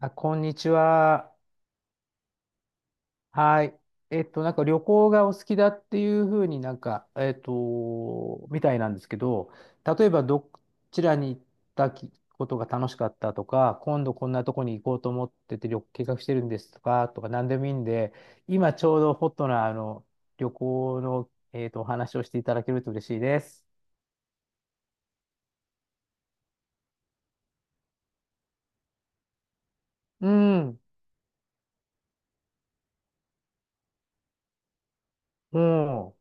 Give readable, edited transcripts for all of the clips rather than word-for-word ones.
あ、こんにちは。はい。なんか旅行がお好きだっていうふうになんか、みたいなんですけど、例えばどちらに行ったきことが楽しかったとか、今度こんなとこに行こうと思ってて旅計画してるんですとか、とか何でもいいんで、今ちょうどホットな旅行の、お話をしていただけると嬉しいです。うん、も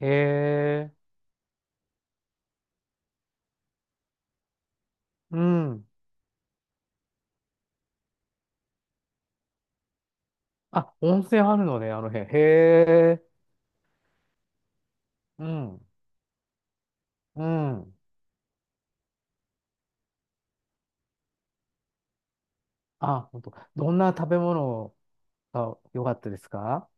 う、へえ、うん。あ、温泉あるのね、あの辺。へえ、うん。うん。あ、本当。どんな食べ物が良かったですか？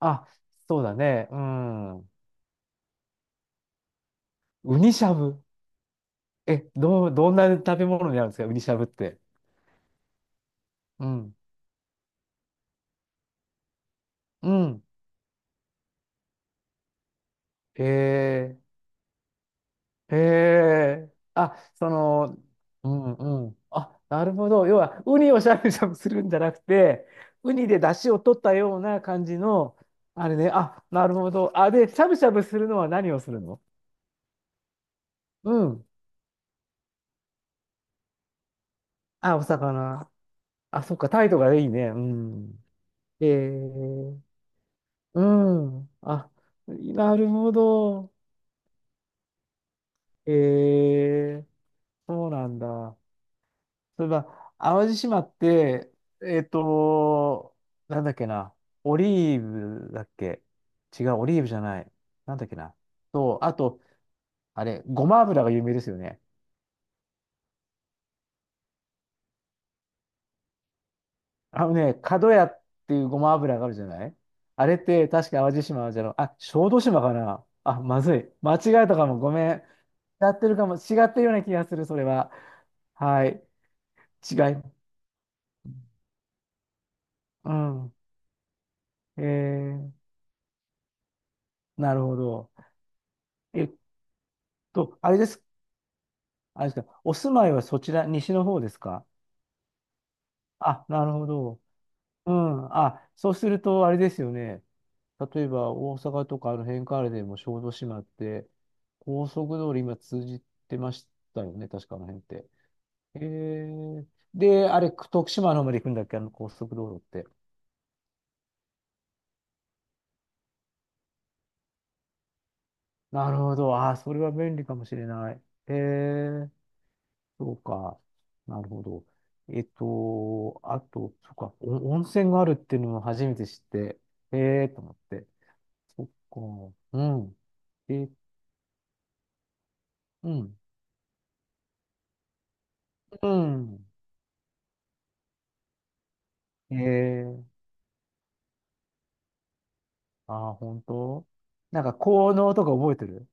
あ、そうだね。うん。ウニしゃぶ。え、どんな食べ物になるんですかウニしゃぶって？うん。うん。へえ。へえ。あ、その、うん、うん。あ、なるほど。要は、ウニをしゃぶしゃぶするんじゃなくて、ウニで出汁を取ったような感じの、あれね。あ、なるほど。あ、で、しゃぶしゃぶするのは何をするの？うん。あ、お魚。あ、そっか、態度がいいね。うん。えー、うん。あ、なるほど。えー、そうなんだ。そういえば、淡路島って、えっと、なんだっけな。オリーブだっけ？違う、オリーブじゃない。なんだっけな。と、あと、あれ、ごま油が有名ですよね。あのね、角屋っていうごま油があるじゃない？あれって、確か淡路島じゃろ、あ、小豆島かな。あ、まずい。間違えたかも。ごめん。やってるかも、違ってるような気がする、それは。はい。違い。うん。えー、なるほど。えっあれです。あれですか。お住まいはそちら、西の方ですか？あ、なるほど。うん。あ、そうすると、あれですよね。例えば、大阪とかあの辺からでも小豆島って、高速道路今通じてましたよね。確かあの辺って。えー、で、あれ、徳島の方まで行くんだっけあの高速道路って？なるほど。ああ、それは便利かもしれない。へえ、そうか。なるほど。あと、そうか、お温泉があるっていうのを初めて知って、へえ、と思って。そっか。うん。え、うん。うん。へえ、ああ、本当？なんか効能とか覚えてる？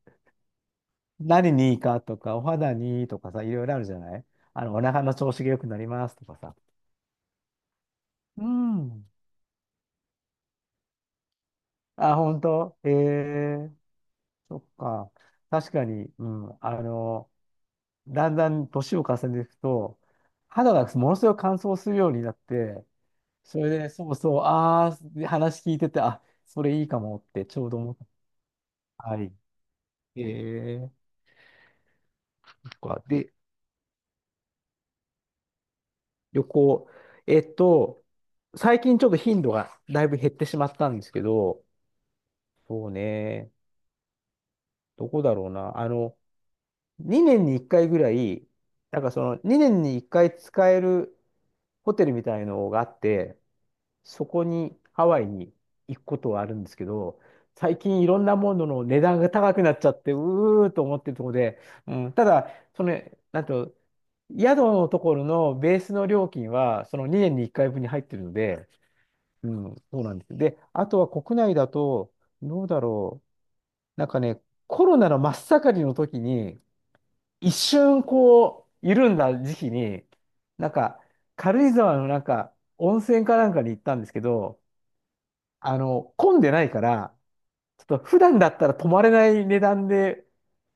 何にいいかとか、お肌にいいとかさ、いろいろあるじゃない？あの、お腹の調子が良くなりますとかさ。うん。あ、本当？ええ、そっか。確かに、うん。あの、だんだん年を重ねていくと、肌がものすごく乾燥するようになって、それで、そうそう、ああ、で話聞いてて、あ、それいいかもってちょうど思った。はい。えー、そっかで、旅行。えっと、最近ちょっと頻度がだいぶ減ってしまったんですけど、そうね、どこだろうな。あの、2年に1回ぐらい、なんかその2年に1回使えるホテルみたいのがあって、そこにハワイに行くことはあるんですけど、最近いろんなものの値段が高くなっちゃって、うーと思ってるところで、うん、ただ、その、なんと、宿のところのベースの料金は、その2年に1回分に入ってるので、うん、そうなんです。で、あとは国内だと、どうだろう、なんかね、コロナの真っ盛りの時に、一瞬こう、緩んだ時期に、なんか、軽井沢のなんか、温泉かなんかに行ったんですけど、あの、混んでないから、ちょっと普段だったら泊まれない値段で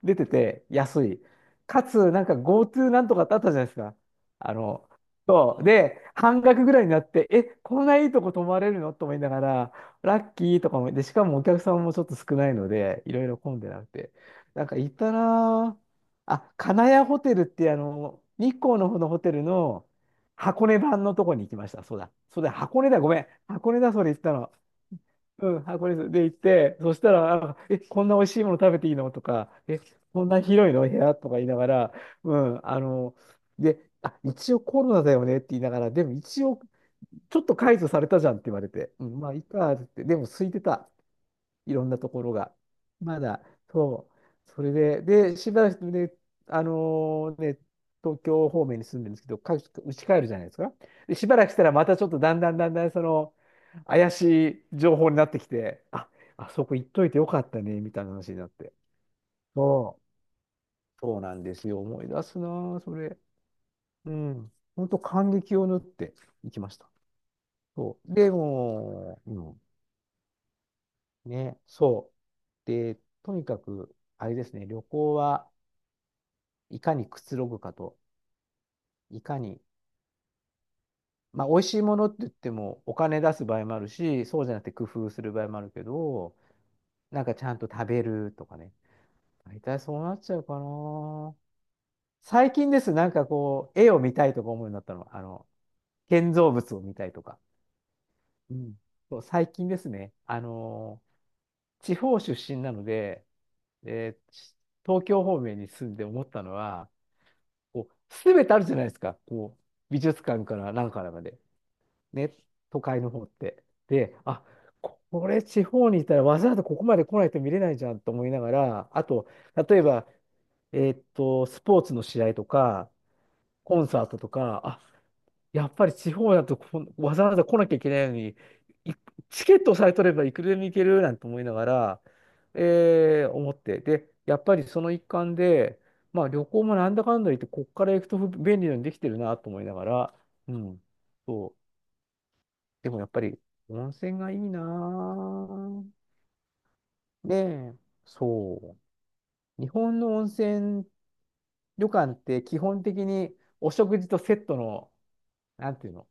出てて安い。かつ、なんか GoTo なんとかってあったじゃないですか。あの、そう。で、半額ぐらいになって、え、こんないいとこ泊まれるのと思いながら、ラッキーとかも、で、しかもお客さんもちょっと少ないので、いろいろ混んでなくて。なんか行ったなぁ。あ、金谷ホテルってあの、日光の方のホテルの箱根版のとこに行きました。そうだ。そうだ、箱根だ。ごめん。箱根だ、それ行ったの。うん、箱根ですで行って、そしたら、なんかえ、こんな美味しいもの食べていいのとか、え、こんな広いの部屋とか言いながら、うん、あの、で、あ、一応コロナだよねって言いながら、でも一応、ちょっと解除されたじゃんって言われて、うん、まあ、いいかって言って、でも空いてた。いろんなところが。まだ、そう。それで、で、しばらくね、あのね、東京方面に住んでるんですけど、かうち帰るじゃないですか。で、しばらくしたらまたちょっとだんだんその、怪しい情報になってきて、あ、あそこ行っといてよかったね、みたいな話になって。そう。そうなんですよ。思い出すなあ、それ。うん。本当感激を縫っていきました。そう。でもう、うんね、そう。で、とにかく、あれですね、旅行はいかにくつろぐかと、いかに、まあ、美味しいものって言っても、お金出す場合もあるし、そうじゃなくて工夫する場合もあるけど、なんかちゃんと食べるとかね、大体そうなっちゃうかな。最近です、なんかこう、絵を見たいとか思うようになったの、あの、建造物を見たいとか。うん、そう、最近ですね、地方出身なので、えー東京方面に住んで思ったのは、こう、すべてあるじゃないですか。こう、美術館からなんからまで。ね、都会の方って。で、あ、これ地方にいたらわざわざここまで来ないと見れないじゃんと思いながら、あと、例えば、スポーツの試合とか、コンサートとか、やっぱり地方だとこんわざわざ来なきゃいけないのに、いチケットさえ取ればいくらでも行けるなんて思いながら、思って。で、やっぱりその一環で、まあ旅行もなんだかんだ言って、こっから行くと便利なようにできてるなと思いながら、うん。そう。でもやっぱり温泉がいいなぁ。ねえ、そう。日本の温泉旅館って基本的にお食事とセットの、なんていうの、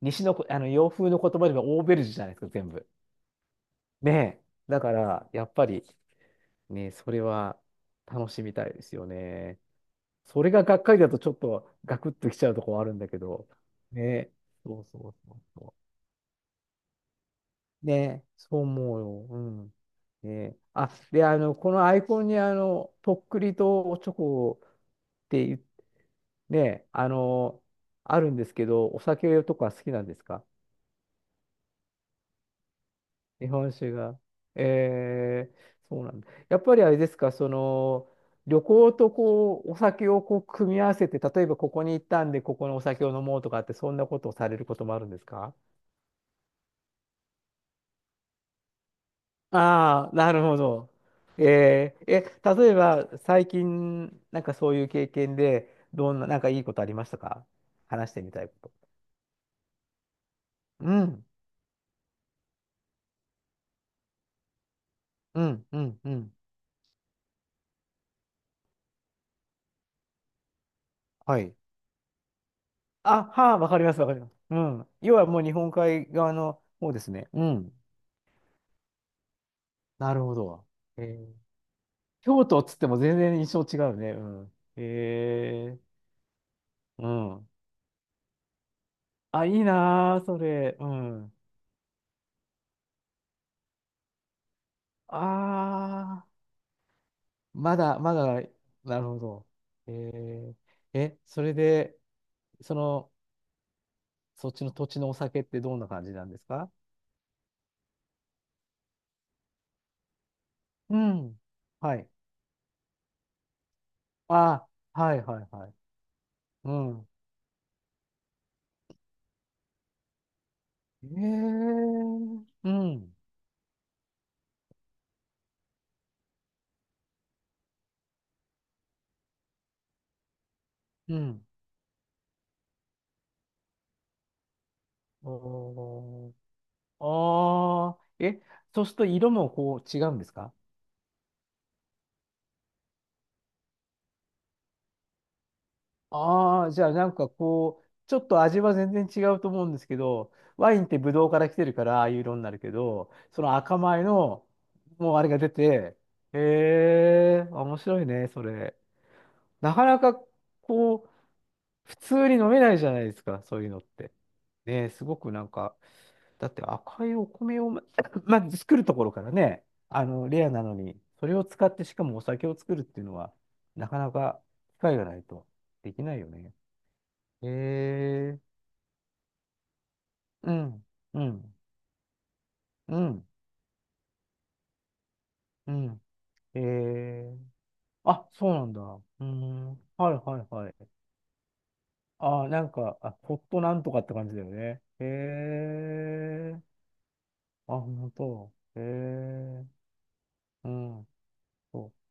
西のこ、あの洋風の言葉でもオーベルジュじゃないですか、全部。ねえ。だから、やっぱり、ね、それは楽しみたいですよね。それががっかりだとちょっとガクッときちゃうとこはあるんだけど。ねえ。そうそうそうそう。ねえ、そう思うよ。うん。ねえ。あ、で、あの、このアイコンに、あの、とっくりとおちょこって言っねえ、あの、あるんですけど、お酒とか好きなんですか？日本酒が。えー、そうなんだ。やっぱりあれですか、その、旅行とこう、お酒をこう、組み合わせて、例えばここに行ったんで、ここのお酒を飲もうとかって、そんなことをされることもあるんですか？ああー、なるほど。えー、え、例えば、最近、なんかそういう経験で、どんな、なんかいいことありましたか？話してみたいこと。うん、うん、うん、うん。はい。あ、はあ、わかります、わかります。うん。要はもう日本海側の方ですね。うん。なるほど。えー京都っつっても全然印象違うね。うん。うん。あ、いいなー、それ。うん。あー、まだ、まだ、なるほど。えー、それで、その、そっちの土地のお酒ってどんな感じなんですか？うん。はい。あ、はいはいはい。うん。えー、うん。うん。おー、あー、え、そうすると色もこう違うんですか？ああ、じゃあなんかこう、ちょっと味は全然違うと思うんですけど、ワインってブドウから来てるから、ああいう色になるけど、その赤米の、もうあれが出て、へえ、面白いね、それ。なかなかこう、普通に飲めないじゃないですか、そういうのって。ねえ、すごくなんか、だって赤いお米をま、まず作るところからね、あの、レアなのに、それを使ってしかもお酒を作るっていうのは、なかなか機会がないとできないよね。ええうん、うん、うん、うん。ええあ、そうなんだ。うーん。はいはいはい。あー、なんか、あ、ホットなんとかって感じだよね。へえ。あ、ほんと。へえ。うん。そっ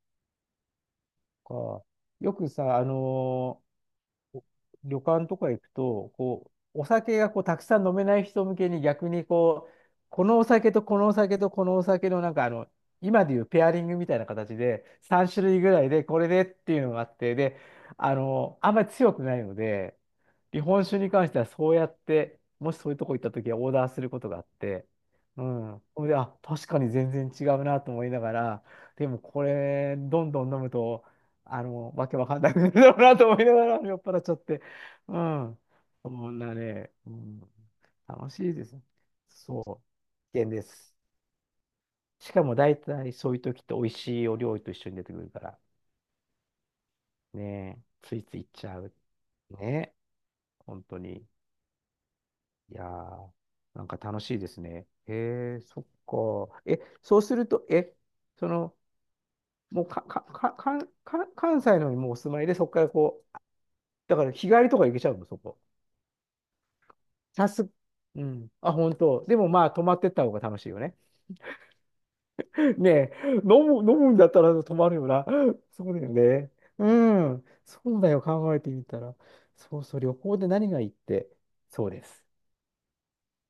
か。よくさ、旅館とか行くと、こう、お酒がこうたくさん飲めない人向けに逆にこう、このお酒とこのお酒とこのお酒のなんかあの、今でいうペアリングみたいな形で3種類ぐらいでこれでっていうのがあって、で、あの、あんまり強くないので、日本酒に関してはそうやって、もしそういうとこ行った時はオーダーすることがあって、うん。それで、あ、確かに全然違うなと思いながら、でもこれ、どんどん飲むと、あの、わけわかんなくなるだろうなと思いながら酔っ払っちゃって。うん。そんなね、うん、楽しいです。そう。危険です。しかも大体そういう時って美味しいお料理と一緒に出てくるから。ねえ、ついつい行っちゃう。ねえ、本当に。いやー、なんか楽しいですね。へえ、そっか。そうすると、え、その、もうか、か、か、か、か関西のにもうお住まいで、そこからこう、だから日帰りとか行けちゃうの、そこ。さす、うん。あ、本当。でもまあ、泊まってった方が楽しいよね。ねえ、飲むんだったら泊まるよな。そうだよね。うん。そうだよ、考えてみたら。そうそう、旅行で何がいいって。そうです。